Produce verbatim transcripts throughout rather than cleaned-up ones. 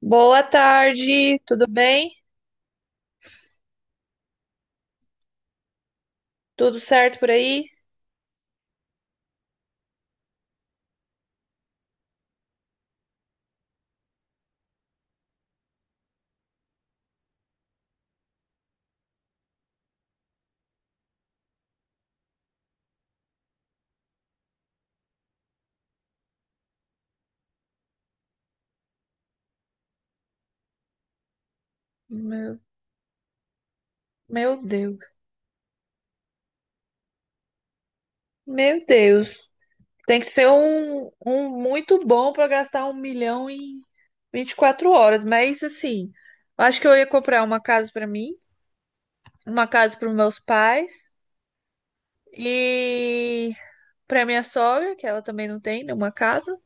Boa tarde, tudo bem? Tudo certo por aí? Meu, meu Deus, meu Deus. Tem que ser um, um muito bom para gastar um milhão em vinte e quatro horas, mas assim, acho que eu ia comprar uma casa para mim, uma casa para meus pais e para minha sogra, que ela também não tem nenhuma casa.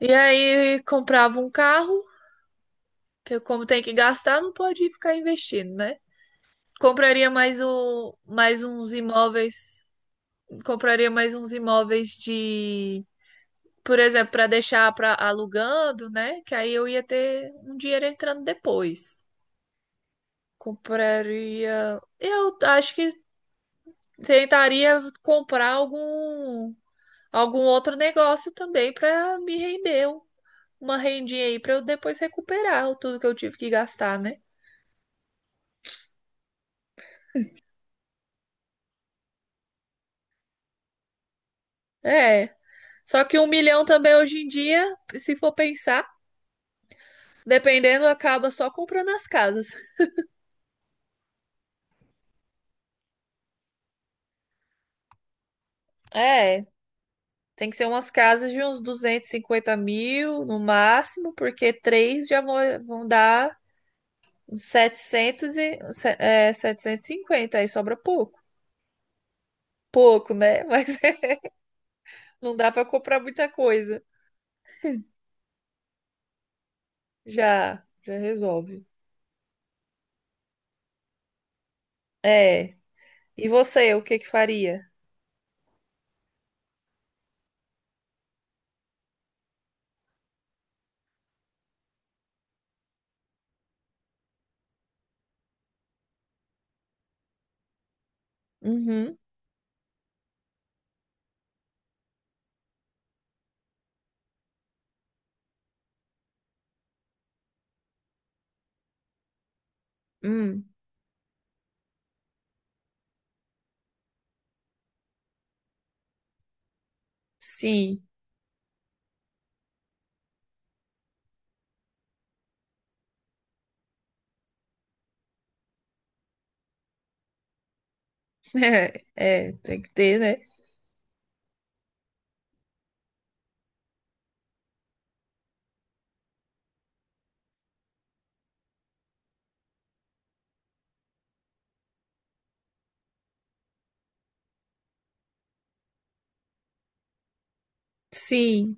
E aí comprava um carro, que como tem que gastar, não pode ficar investindo, né? Compraria mais um, mais uns imóveis compraria mais uns imóveis de, por exemplo, para deixar para alugando, né? Que aí eu ia ter um dinheiro entrando depois. Compraria, eu acho que tentaria comprar algum algum outro negócio também para me render um- uma rendinha aí para eu depois recuperar o tudo que eu tive que gastar, né? É. Só que um milhão também hoje em dia, se for pensar, dependendo, acaba só comprando as casas. É. Tem que ser umas casas de uns duzentos e cinquenta mil no máximo, porque três já vão, vão dar uns setecentos e, se- é, setecentos e cinquenta, aí sobra pouco. Pouco, né? Mas não dá para comprar muita coisa. Já, já resolve. É. E você, o que que faria? Uhum. Hum. Sim. É, tem que ter, né? Sim.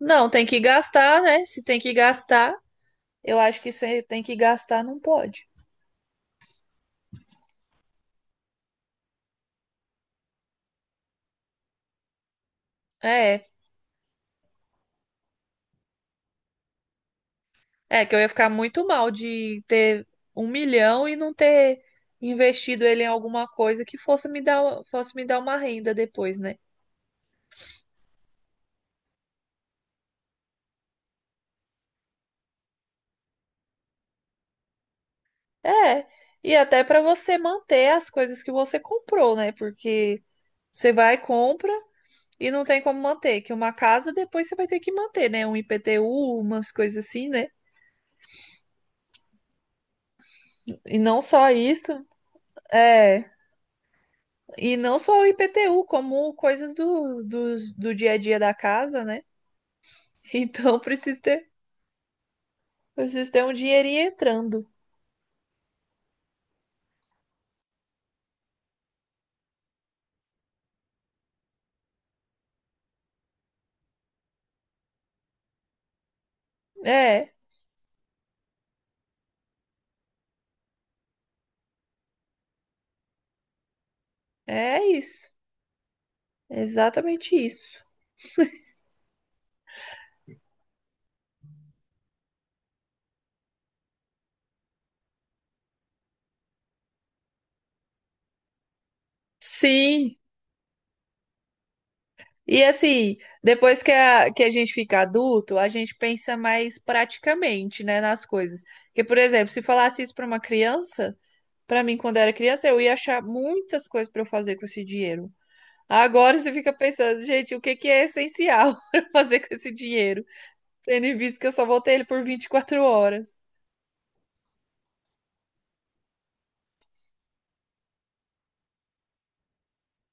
Não, tem que gastar, né? Se tem que gastar, eu acho que se tem que gastar, não pode. É, É, que eu ia ficar muito mal de ter um milhão e não ter investido ele em alguma coisa que fosse me dar, fosse me dar uma renda depois, né? É, e até para você manter as coisas que você comprou, né? Porque você vai, compra e não tem como manter, que uma casa depois você vai ter que manter, né? Um I P T U, umas coisas assim, né? E não só isso, é, e não só o I P T U, como coisas do, do, do dia a dia da casa, né? Então precisa ter Vocês têm um dinheirinho entrando. É, é isso. É Exatamente isso. Sim. E assim, depois que a, que a gente fica adulto, a gente pensa mais praticamente, né, nas coisas. Porque, por exemplo, se falasse isso para uma criança, para mim, quando era criança, eu ia achar muitas coisas para eu fazer com esse dinheiro. Agora você fica pensando, gente, o que que é essencial para fazer com esse dinheiro? Tendo em vista que eu só voltei ele por vinte e quatro horas.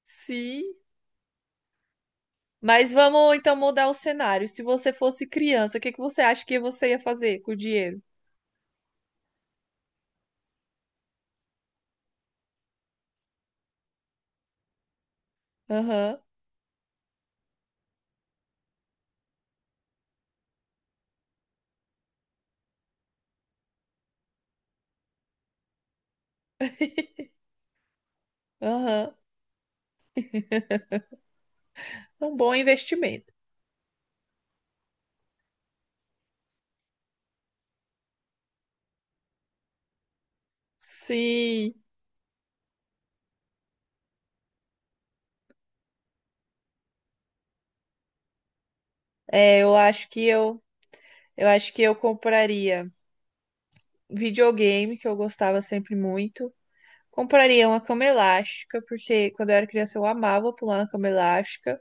Sim. Mas vamos então mudar o cenário. Se você fosse criança, o que que você acha que você ia fazer com o dinheiro? Aham, aham. Um bom investimento. Sim. É, eu acho que eu, eu acho que eu compraria videogame, que eu gostava sempre muito. Compraria uma cama elástica, porque quando eu era criança eu amava pular na cama elástica.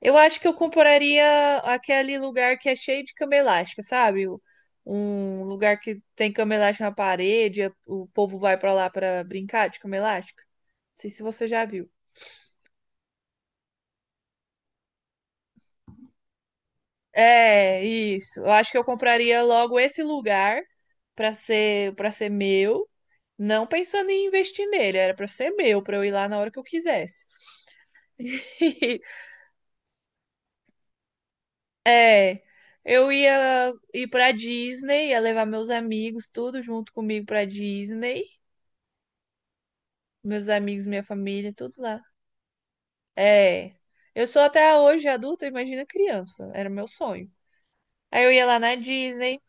Eu acho que eu compraria aquele lugar que é cheio de cama elástica, sabe? O- Um lugar que tem cama elástica na parede, a- o povo vai pra lá pra brincar de cama elástica. Não sei se você já viu. É, isso. Eu acho que eu compraria logo esse lugar pra ser para ser meu, não pensando em investir nele, era pra ser meu, pra eu ir lá na hora que eu quisesse. É, eu ia ir pra Disney, ia levar meus amigos tudo junto comigo pra Disney. Meus amigos, minha família, tudo lá. É. Eu sou até hoje adulta, imagina criança. Era meu sonho. Aí eu ia lá na Disney,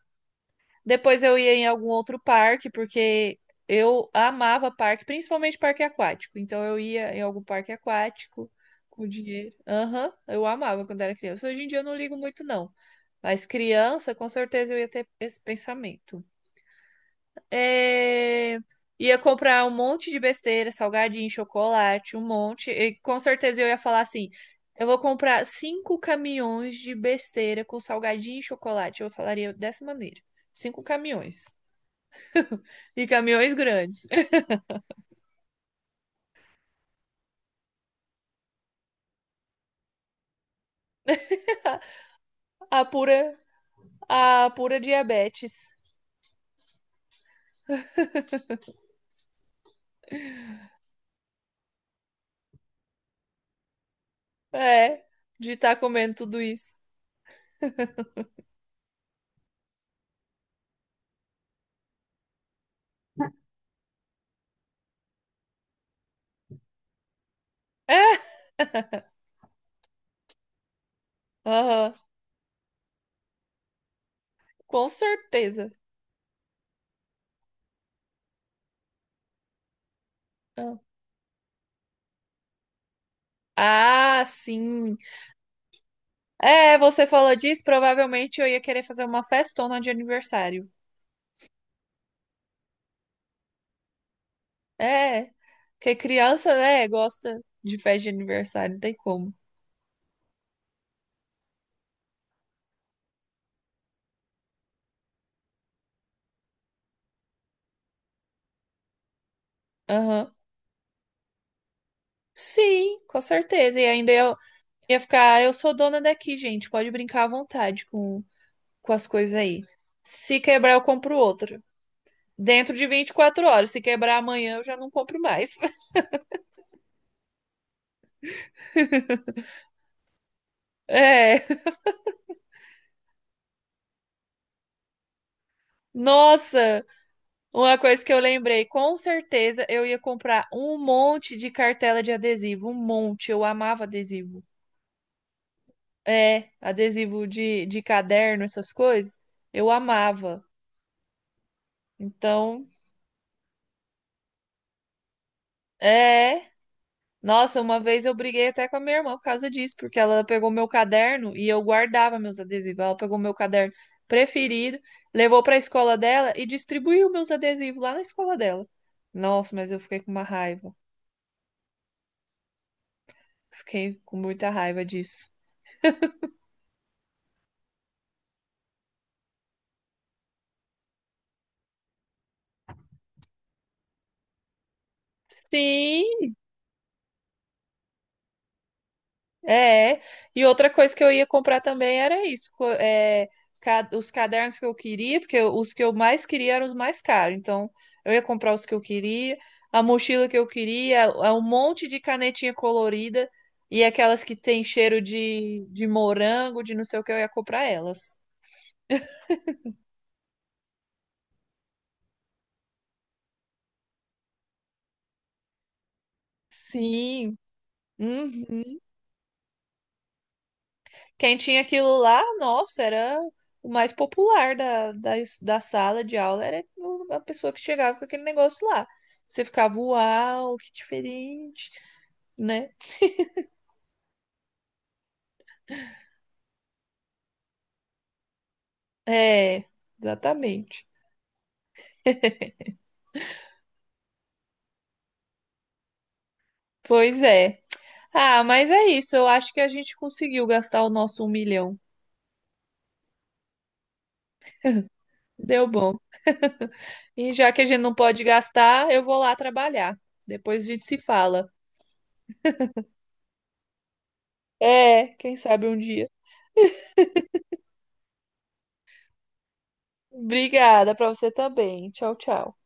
depois eu ia em algum outro parque, porque eu amava parque, principalmente parque aquático. Então eu ia em algum parque aquático com dinheiro. Aham, eu amava quando era criança. Hoje em dia eu não ligo muito, não. Mas criança, com certeza eu ia ter esse pensamento. É, ia comprar um monte de besteira, salgadinho, chocolate, um monte. E com certeza eu ia falar assim: eu vou comprar cinco caminhões de besteira com salgadinho e chocolate. Eu falaria dessa maneira: cinco caminhões. E caminhões grandes. A pura, a pura diabetes. É, de estar comendo tudo isso. É, aham, com certeza. Ah, sim. É, você falou disso, provavelmente eu ia querer fazer uma festona de aniversário. É, porque criança, né, gosta de festa de aniversário, não tem como. Aham. Sim, com certeza. E ainda eu ia ficar, "Ah, eu sou dona daqui, gente, pode brincar à vontade com, com as coisas aí. Se quebrar, eu compro outro. Dentro de vinte e quatro horas. Se quebrar amanhã, eu já não compro mais. É. Nossa! Uma coisa que eu lembrei, com certeza eu ia comprar um monte de cartela de adesivo, um monte. Eu amava adesivo. É, adesivo de, de caderno, essas coisas, eu amava. Então, é. Nossa, uma vez eu briguei até com a minha irmã por causa disso, porque ela pegou meu caderno e eu guardava meus adesivos. Ela pegou meu caderno preferido, levou para a escola dela e distribuiu meus adesivos lá na escola dela. Nossa, mas eu fiquei com uma raiva. Fiquei com muita raiva disso. Sim, é, e outra coisa que eu ia comprar também era isso, co- é, ca- os cadernos que eu queria, porque eu- os que eu mais queria eram os mais caros, então eu ia comprar os que eu queria, a mochila que eu queria, a- um monte de canetinha colorida e aquelas que tem cheiro de, de morango, de não sei o que, eu ia comprar elas. Sim. Uhum. Quem tinha aquilo lá, nossa, era o mais popular da, da, es- da sala de aula, era o- a pessoa que chegava com aquele negócio lá. Você ficava, uau, que diferente, né? É, exatamente. Pois é. Ah, mas é isso. Eu acho que a gente conseguiu gastar o nosso um milhão. Deu bom. E já que a gente não pode gastar, eu vou lá trabalhar. Depois a gente se fala. É, quem sabe um dia. Obrigada para você também. Tchau, tchau.